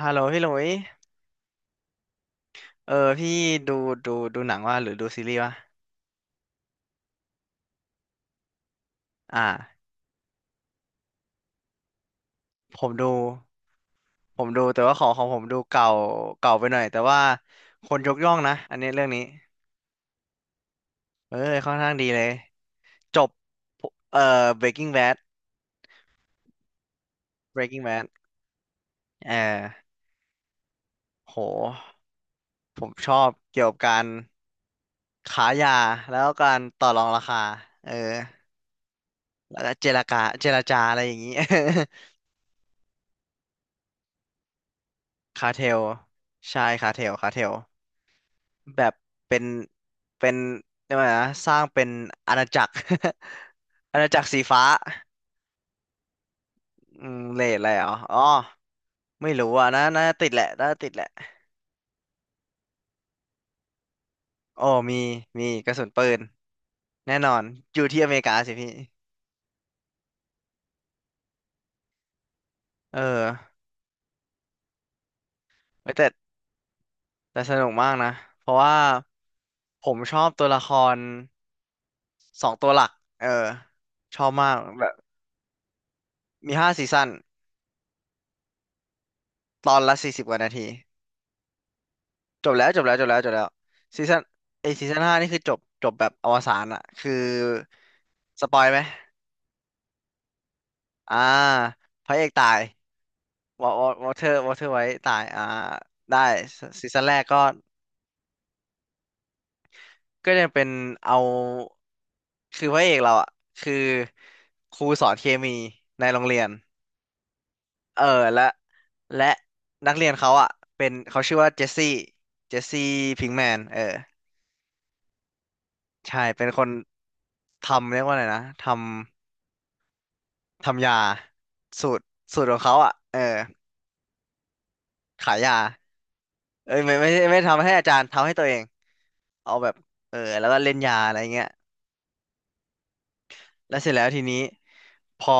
ฮัลโหลพี่หลุยเออพี่ดูดูหนังว่าหรือดูซีรีส์วะอ่าผมดูผมดูแต่ว่าของผมดูเก่าเก่าไปหน่อยแต่ว่าคนยกย่องนะอันนี้เรื่องนี้เออค่อนข้างดีเลยจบBreaking Bad Breaking Bad เออโหผมชอบเกี่ยวกับการขายยาแล้วกันารต่อรองราคาเออแล้วก็เจรจาาเจรจาอะไรอย่างนี้ คาเทลใช่คาเทลคาเทล แบบเป็นเป็นเรียกว่าไงนะสร้างเป็นอาณาจักร อาณาจักรสีฟ้าอืมเลดอะไรเหรออ๋อไม่รู้อ่ะน่าน่าจะติดแหละน่าจะติดแหละโอ้มีมีกระสุนปืนแน่นอนอยู่ที่อเมริกาสิพี่เออเว้ยแต่สนุกมากนะเพราะว่าผมชอบตัวละครสองตัวหลักเออชอบมากแบบมี5 ซีซั่นตอนละ40 กว่านาที จบแล้วจบแล้วจบแล้วจบแล้วซีซั่นไอซีซั่นห้านี่คือจบจบแบบอวสานอะคือสปอยไหมอ่าพระเอกตายวอวอเทอร์ไว้ตายอ่าได้ซีซั่นแรกก็ก็ยังเป็นเอาคือพระเอกเราอะคือครูสอนเคมีในโรงเรียนเออและและนักเรียนเขาอะเป็นเขาชื่อว่าเจสซี่เจสซี่พิงแมนเออใช่เป็นคนทำเรียกว่าอะไรนะทำ ทำยาสูตรสูตรของเขาอ่ะเออขายยาเอ้ยไม่ทำให้อาจารย์ทำให้ตัวเองเอาแบบเออแล้วก็เล่นยาอะไรเงี้ยแล้วเสร็จแล้วทีนี้พอ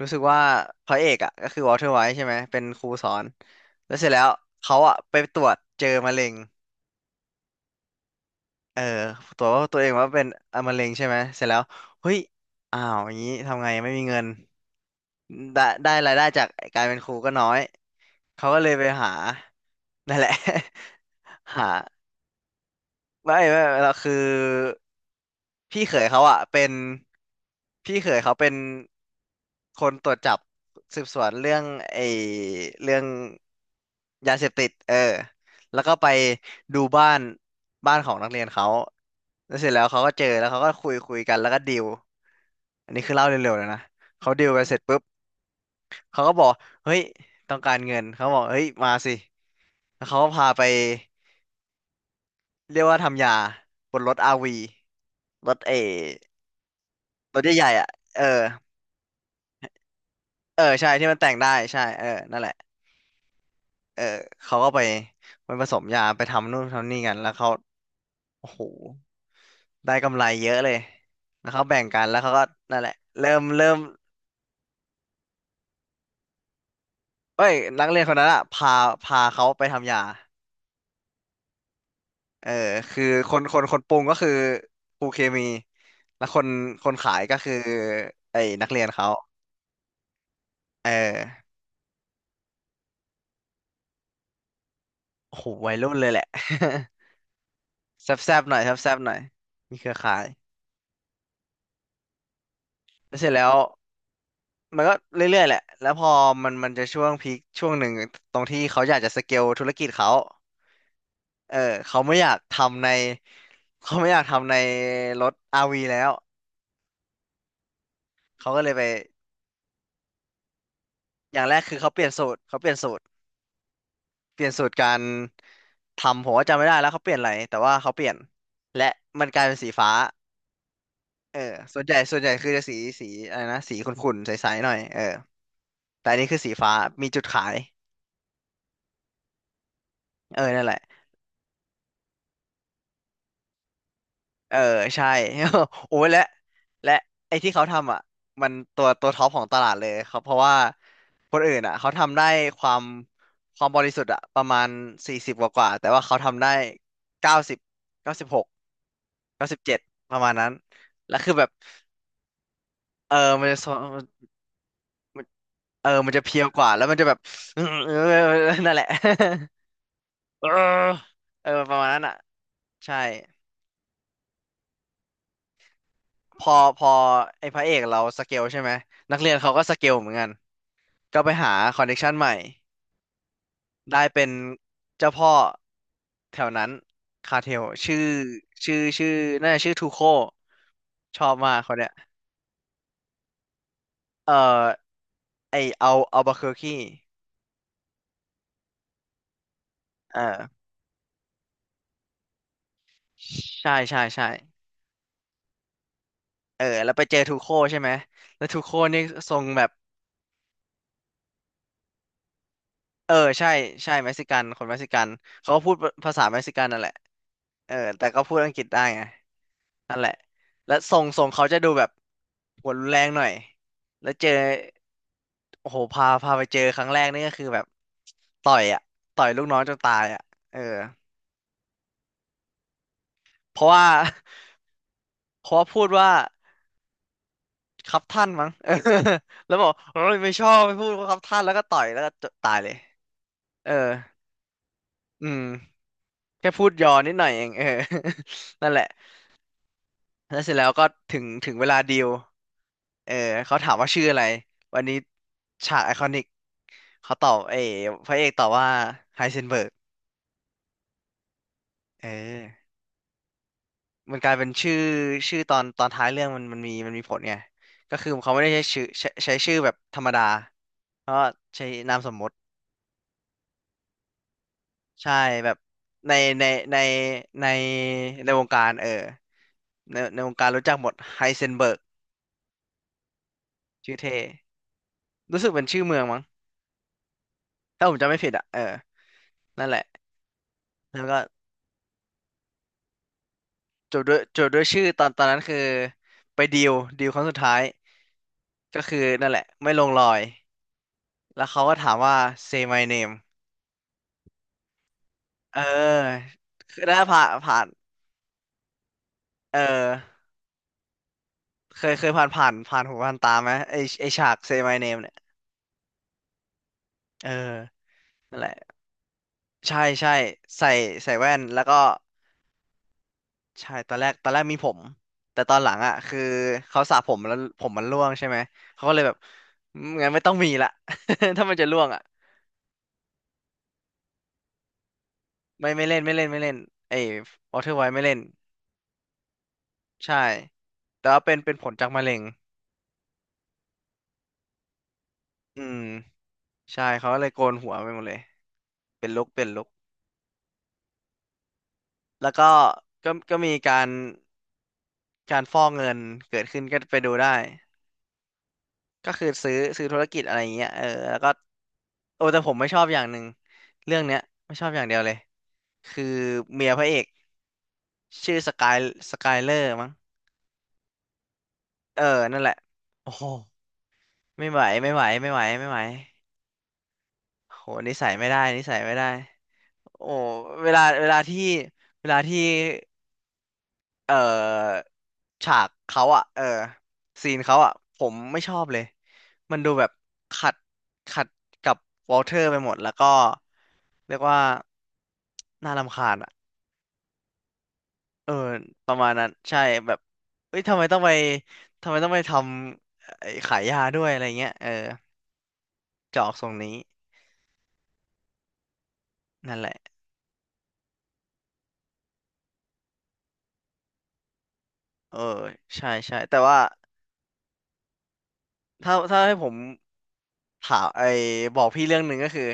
รู้สึกว่าพระเอกอ่ะก็คือวอลเทอร์ไวท์ใช่ไหมเป็นครูสอนแล้วเสร็จแล้วเขาอ่ะไปตรวจเจอมะเร็ง เออตัวว่าตัวเองว่าเป็นอ่ะมะเร็งใช่ไหมเสร็จแล้วเฮ้ยอ้าวอย่างนี้ทำไงไม่มีเงินได้ได้รายได้จากการเป็นครูก็น้อยเขาก็เลยไปหานั่นแหละ หา ไม่เราคือพี่เขยเขาอะเป็นพี่เขยเขาเป็นคนตรวจจับสืบสวนเรื่องไอ้เรื่องยาเสพติดเออแล้วก็ไปดูบ้านบ้านของนักเรียนเขาแล้วเสร็จแล้วเขาก็เจอแล้วเขาก็คุยกันแล้วก็ดีลอันนี้คือเล่าเร็วๆเลยนะเขาดีลกันเสร็จปุ๊บเขาก็บอกเฮ้ยต้องการเงินเขาบอกเฮ้ยมาสิแล้วเขาก็พาไปเรียกว่าทำยาบนรถอาวี รถเอรถใหญ่ๆอ่ะเออเออใช่ที่มันแต่งได้ใช่เออนั่นแหละเออเขาก็ไปไปผสมยาไปทำนู่นทำนี่กันแล้วเขาโอ้โหได้กำไรเยอะเลยแล้วเขาแบ่งกันแล้วเขาก็นั่นแหละเริ่มเอ้ยนักเรียนคนนั้นอ่ะพาพาเขาไปทำยาเออคือคนปรุงก็คือครูเคมีแล้วคนคนขายก็คือไอ้นักเรียนเขาเออโอ้โหวัยรุ่นเลยแหละ แซบๆหน่อยแซบๆหน่อยมีเครือข่าย เสร็จแล้วมันก็เรื่อยๆแหละแล้วพอมันจะช่วงพีคช่วงหนึ่งตรงที่เขาอยากจะสเกลธุรกิจเขาเออเขาไม่อยากทำในเขาไม่อยากทำในรถ RV แล้วเขาก็เลยไปอย่างแรกคือเขาเปลี่ยนสูตรเขาเปลี่ยนสูตรเปลี่ยนสูตรการทำผมว่าจำไม่ได้แล้วเขาเปลี่ยนอะไรแต่ว่าเขาเปลี่ยนและมันกลายเป็นสีฟ้าเออส่วนใหญ่คือจะสีสีอะไรนะสีขุ่นๆใสๆหน่อยเออแต่อันนี้คือสีฟ้ามีจุดขายเออนั่นแหละ เออใช่ โอ้ยและไอ้ที่เขาทำอ่ะมันตัวท็อปของตลาดเลยครับเพราะว่าคนอื่นอ่ะเขาทำได้ความความบริสุทธิ์อ่ะประมาณสี่สิบกว่าแต่ว่าเขาทำได้เก้าสิบ9697ประมาณนั้นแล้วคือแบบเออมันจะสมันเออมันจะเพรียวกว่าแล้วมันจะแบบ นั่นแหละ เออเออประมาณนั้นอ่ะใช่พอพอไอ้พระเอกเราสเกลใช่ไหมนักเรียนเขาก็สเกลเหมือนกัน ก็ไปหาคอนเน t ชันใหม่ได้เป็นเจ้าพ่อแถวนั้นคาเทลชื่อน่าจะชื่อทูโคชอบมากคนเนี้ยเอ่อไอเอาบาเคอร์คีเออใช่เออแล้วไปเจอทูโคใช่ไหมแล้วทูโคนี่ทรงแบบเออใช่ใช่เม็กซิกันคนเม็กซิกันเขาก็พูดภาษาเม็กซิกันนั่นแหละเออแต่ก็พูดอังกฤษได้ไงนั่นแหละและทรงเขาจะดูแบบหัวรุนแรงหน่อยแล้วเจอ โอ้โหพาไปเจอครั้งแรกนี่ก็คือแบบต่อยอ่ะต่อยลูกน้องจนตายอ่ะเออเพราะว่า เพราะว่าพูดว่าครับท่านมั้ง เออแล้วบอกเฮ้ยไม่ชอบไม่พูดว่าครับท่านแล้วก็ต่อยแล้วก็จตายเลยเอออืมแค่พูดยอนิดหน่อยเองเออ นั่นแหละแล้วเสร็จแล้วก็ถึงเวลาดีลเออเขาถามว่าชื่ออะไรวันนี้ฉากไอคอนิกเขาตอบเออพระเอกตอบว่าไฮเซนเบิร์กเออ มันกลายเป็นชื่อชื่อตอนท้ายเรื่องมันมีมีผลไงก็คือเขาไม่ได้ใช้ชื่อใช้ชื่อแบบธรรมดาเพราะใช้นามสมมติใช่แบบในในในในในวงการเออในวงการรู้จักหมดไฮเซนเบิร์กชื่อเท่รู้สึกเป็นชื่อเมืองมั้งถ้าผมจำไม่ผิดอ่ะเออนั่นแหละแล้วก็จบด้วยจบด้วยชื่อตอนตอนนั้นคือไปดีลดีลครั้งสุดท้ายก็คือนั่นแหละไม่ลงรอยแล้วเขาก็ถามว่า say my name เออคือได้ผ่านผ่านเออเคยผ่านผ่านหูผ่านตาไหมไอฉาก Say My Name เนี่ยเออนั่นแหละใช่ใช่ใส่ใส่แว่นแล้วก็ใช่ตอนแรกตอนแรกมีผมแต่ตอนหลังอ่ะคือเขาสระผมแล้วผมมันร่วงใช่ไหมเขาก็เลยแบบอืมงั้นไม่ต้องมีละ ถ้ามันจะร่วงอ่ะไม่เล่นไม่เล่นไอ้วอเทอร์ไวไม่เล่นใช่แต่ว่าเป็นเป็นผลจากมะเร็งอืมใช่เขาก็เลยโกนหัวไปหมดเลยเป็นลุกเป็นลุก แล้วก็ก็มีการการฟอกเงิน เกิดขึ้นก็ไปดูได้ ก็คือซื้อธุรกิจอะไรอย่างเงี้ยเออแล้วก็โอ้แต่ผมไม่ชอบอย่างหนึ่งเรื่องเนี้ยไม่ชอบอย่างเดียวเลยคือเมียพระเอกชื่อสกายสกายเลอร์มั้งเออนั่นแหละโอ้โหไม่ไหว ไม่ไหว ไม่ไหวไม่ไหวโหนิสัยไม่ได้นิสัยไม่ได้โอ้เวลาที่เวลาที่ เอ่อฉากเขาอ่ะเออซีนเขาอ่ะผมไม่ชอบเลย มันดูแบบขัดขัดกับวอลเทอร์ไปหมดแล้วก็เรียกว่าน่ารำคาญอ่ะเออประมาณนั้นใช่แบบเอ้ยทำไมต้องไปทำไอ้ขายยาด้วยอะไรเงี้ย เออจะออกทรงนี้นั่นแหละ เออใช่ใช่แต่ว่า ถ้าให้ผมถามไอ้บอกพี่เรื่องหนึ่งก็คือ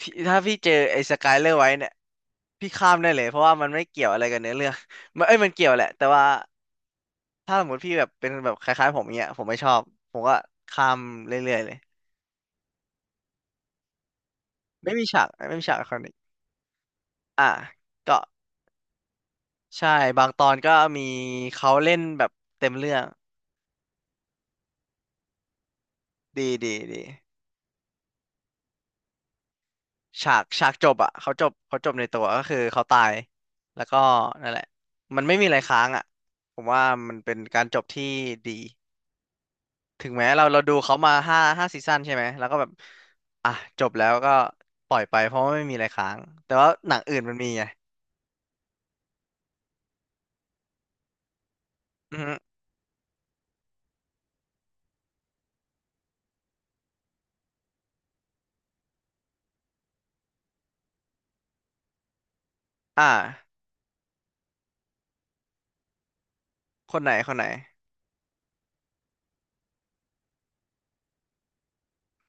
พี่ถ้าพี่เจอไอ้สกายเลอร์ไว้เนี่ยพี่ข้ามได้เลยเพราะว่ามันไม่เกี่ยวอะไรกับเนื้อเรื่อง มันเอ้ยมันเกี่ยวแหละแต่ว่าถ้าสมมติพี่แบบเป็นแบบคล้ายๆผมเนี้ยผมไม่ชอบผมก็ข้ามเรื่อยๆเลยไม่มีฉากไม่มีฉากไอคอนิกอ่ะก็ใช่บางตอนก็มีเขาเล่นแบบเต็มเรื่องดีดีดี ฉากฉากจบอะเขาจบเขาจบในตัวก็คือเขาตายแล้วก็นั่นแหละมันไม่มีอะไรค้างอะผมว่ามันเป็นการจบที่ดีถึงแม้เราดูเขามาห้าซีซั่นใช่ไหมแล้วก็แบบอ่ะจบแล้วก็ปล่อยไปเพราะว่าไม่มีอะไรค้างแต่ว่าหนังอื่นมันมีไงอือฮึอ่าคนไหน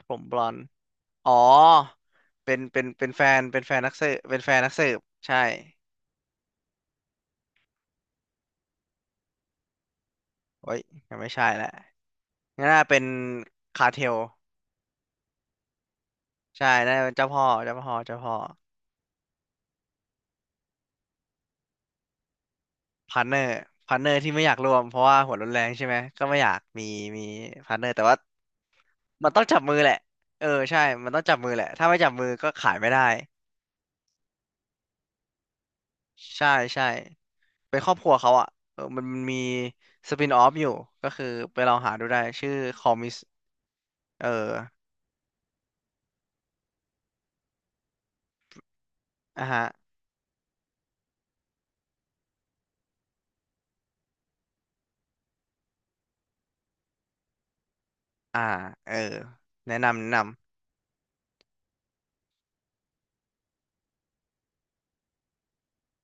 ผมบลอนด์อ๋อเป็นเป็นแฟนนักสืบเป็นแฟนนักสืบใช่โอ้ยยังไม่ใช่แหละงั้นน่าเป็นคาร์เทล ใช่ได้เป็นเจ้าพ่อเจ้าพ่อพาร์ทเนอร์พาร์ทเนอร์ที่ไม่อยากรวมเพราะว่าหัวรุนแรงใช่ไหมก็ไม่อยากมีมีพาร์ทเนอร์แต่ว่ามันต้องจับมือแหละเออใช่มันต้องจับมือแหละถ้าไม่จับมือก็ขายไม่ได้ใช่ใช่เป็นครอบครัวเขาอ่ะเออมันมีสปินออฟอยู่ก็คือไปลองหาดูได้ชื่อคอมิสเอออ่ะฮะอ่าเออแนะนำแนะนำ